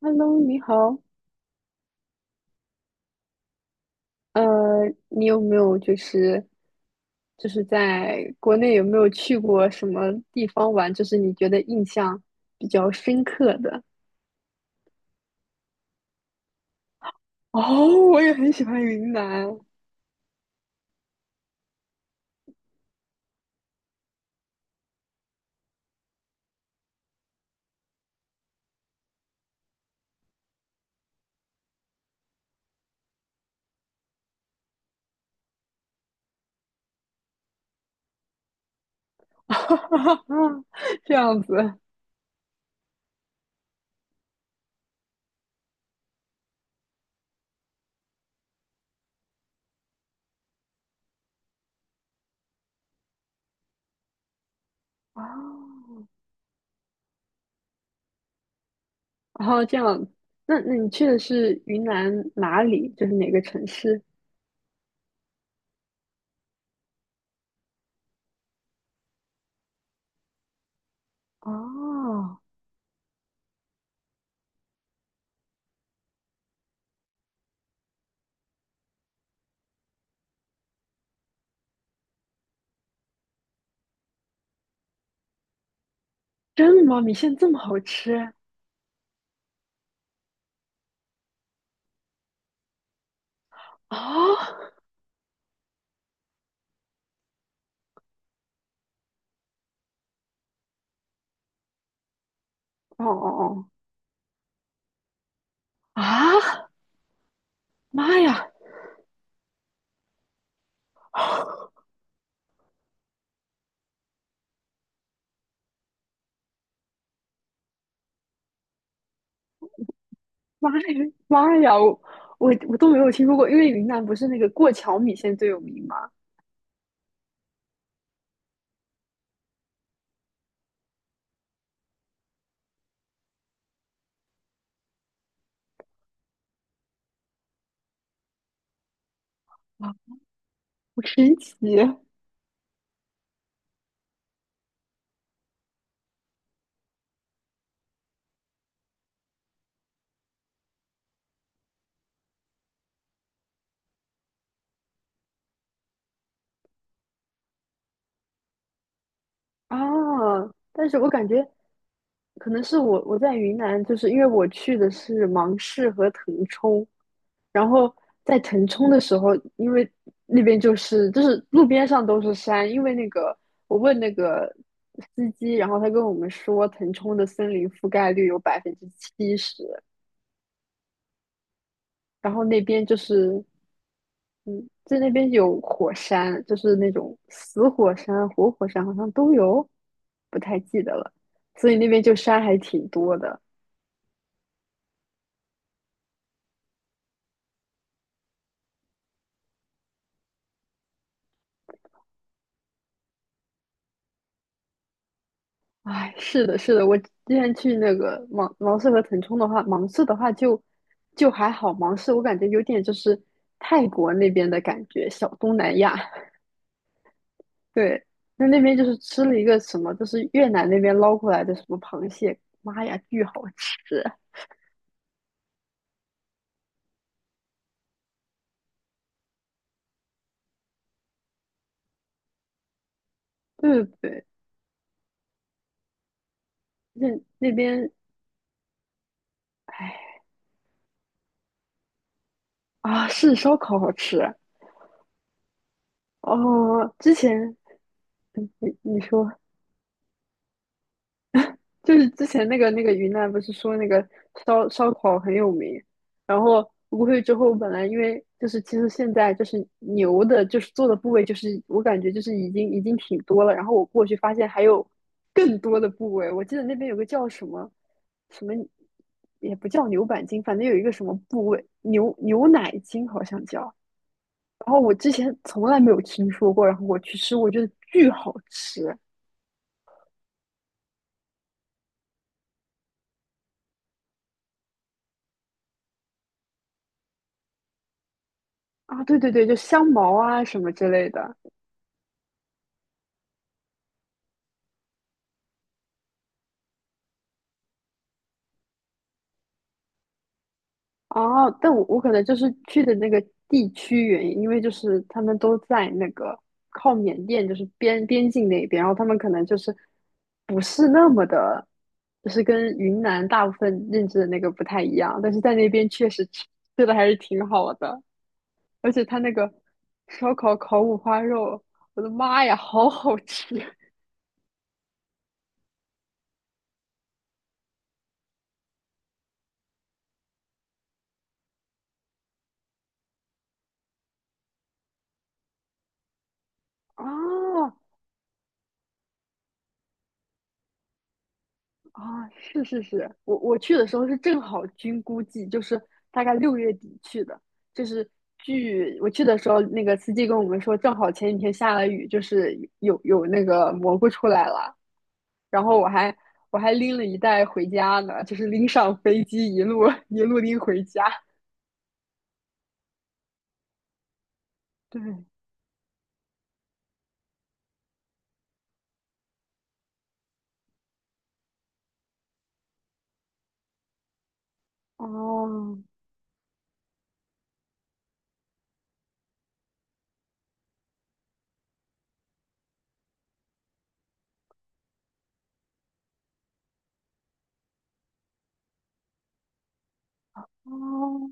Hello，你好。呃，你有没有就是在国内有没有去过什么地方玩？就是你觉得印象比较深刻的？哦，我也很喜欢云南。这样子哦，然后这样，那你去的是云南哪里？就是哪个城市？哦，真的吗？米线这么好吃？哦，哦哦哦，啊！妈呀，妈呀，妈呀，我都没有听说过，因为云南不是那个过桥米线最有名吗？啊，好神奇啊！但是我感觉可能是我在云南，就是因为我去的是芒市和腾冲，然后在腾冲的时候，因为那边就是路边上都是山，因为那个我问那个司机，然后他跟我们说腾冲的森林覆盖率有70%，然后那边就是。嗯，在那边有火山，就是那种死火山、活火山，好像都有，不太记得了。所以那边就山还挺多的。哎，是的，是的，我之前去那个芒市和腾冲的话，芒市的话就还好，芒市我感觉有点就是泰国那边的感觉，小东南亚。对，那边就是吃了一个什么，就是越南那边捞过来的什么螃蟹，妈呀，巨好吃！对对对，那那边，哎，啊，是烧烤好吃哦。之前你说，就是之前那个云南不是说那个烧烤很有名，然后我过去之后本来因为就是其实现在就是牛的，就是做的部位就是我感觉就是已经挺多了，然后我过去发现还有更多的部位，我记得那边有个叫什么什么也不叫牛板筋，反正有一个什么部位牛奶筋好像叫，然后我之前从来没有听说过，然后我去吃，我觉得巨好吃啊！对对对，就香茅啊什么之类的啊。但我可能就是去的那个地区原因，因为就是他们都在那个靠缅甸，就是边境那边，然后他们可能就是不是那么的，就是跟云南大部分认知的那个不太一样，但是在那边确实吃的还是挺好的，而且他那个烧烤烤五花肉，我的妈呀，好好吃！哦啊，是是是，我去的时候是正好菌菇季，就是大概6月底去的，就是据我去的时候，那个司机跟我们说，正好前几天下了雨，就是有那个蘑菇出来了，然后我还拎了一袋回家呢，就是拎上飞机一路 一路拎回家。对，哦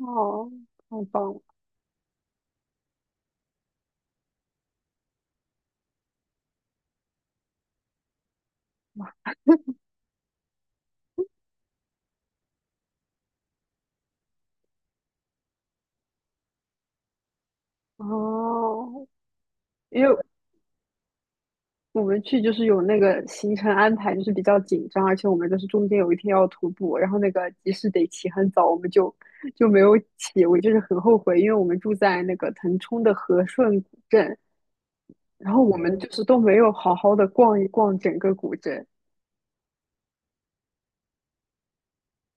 哦，太棒了哦！因为我们去就是有那个行程安排，就是比较紧张，而且我们就是中间有一天要徒步，然后那个集市得起很早，我们就没有起，我就是很后悔，因为我们住在那个腾冲的和顺古镇，然后我们就是都没有好好的逛一逛整个古镇，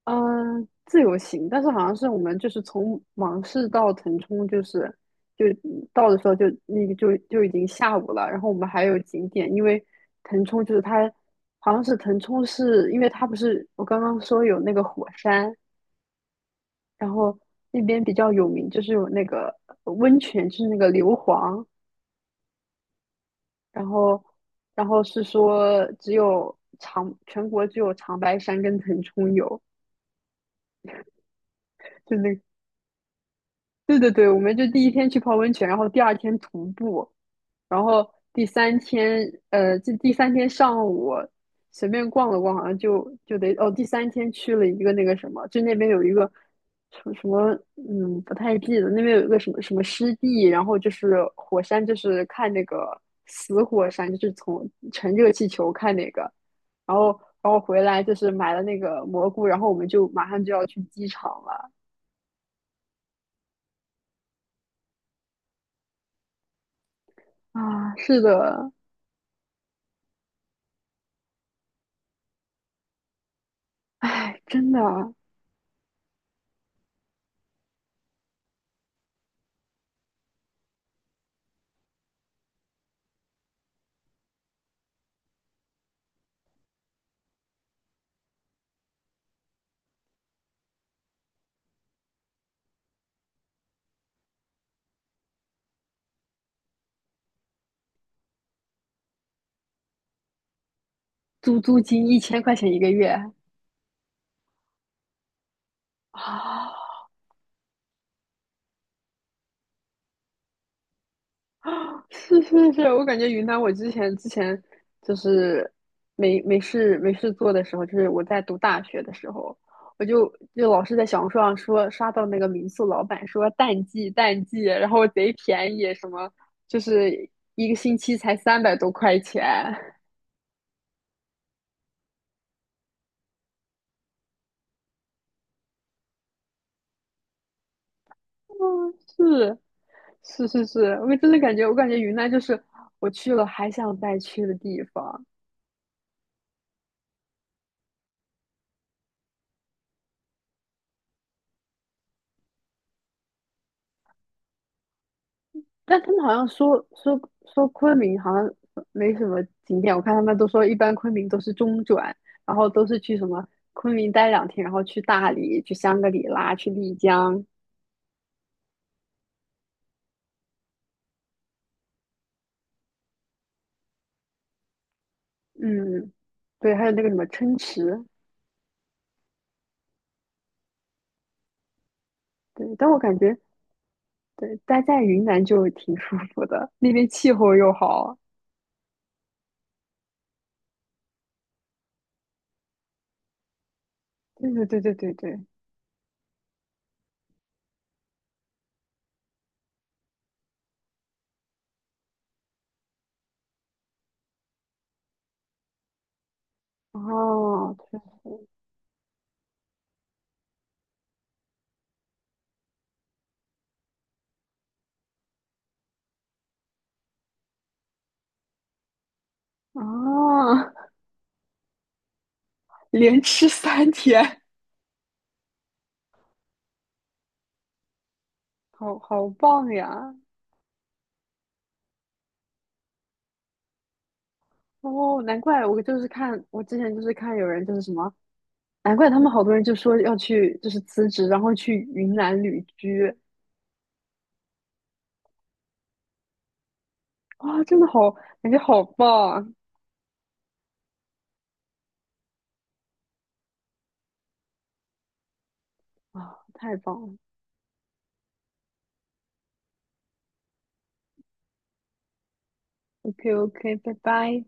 嗯，自由行，但是好像是我们就是从芒市到腾冲，就是就到的时候就那个就已经下午了。然后我们还有景点，因为腾冲就是它好像是腾冲是因为它不是我刚刚说有那个火山，然后那边比较有名，就是有那个温泉，就是那个硫磺，然后然后是说只有长全国只有长白山跟腾冲有。就那。对对对，我们就第1天去泡温泉，然后第2天徒步，然后第三天，这第三天上午随便逛了逛，好像就得哦，第三天去了一个那个什么，就那边有一个什么什么，嗯，不太记得，那边有一个什么什么湿地，然后就是火山，就是看那个死火山，就是从乘热气球看那个，然后然后回来就是买了那个蘑菇，然后我们就马上就要去机场了啊，是的。哎，真的，租金1000块钱1个月啊！是是是，我感觉云南，我之前就是没事做的时候，就是我在读大学的时候，我就老是在小红书上说刷到那个民宿老板说淡季淡季，然后贼便宜，什么就是1个星期才300多块钱。嗯，是是是是，我感觉云南就是我去了还想再去的地方。但他们好像说昆明好像没什么景点，我看他们都说一般昆明都是中转，然后都是去什么昆明待2天，然后去大理、去香格里拉、去丽江，嗯，对，还有那个什么琛池，对，但我感觉对待在云南就挺舒服的，那边气候又好，对对对对对对，哦，确实，哦，连吃三天，好好棒呀！哦，难怪我就是看，我之前就是看有人就是什么，难怪他们好多人就说要去就是辞职，然后去云南旅居，哇，真的好，感觉好棒啊，太棒了，OK OK，拜拜。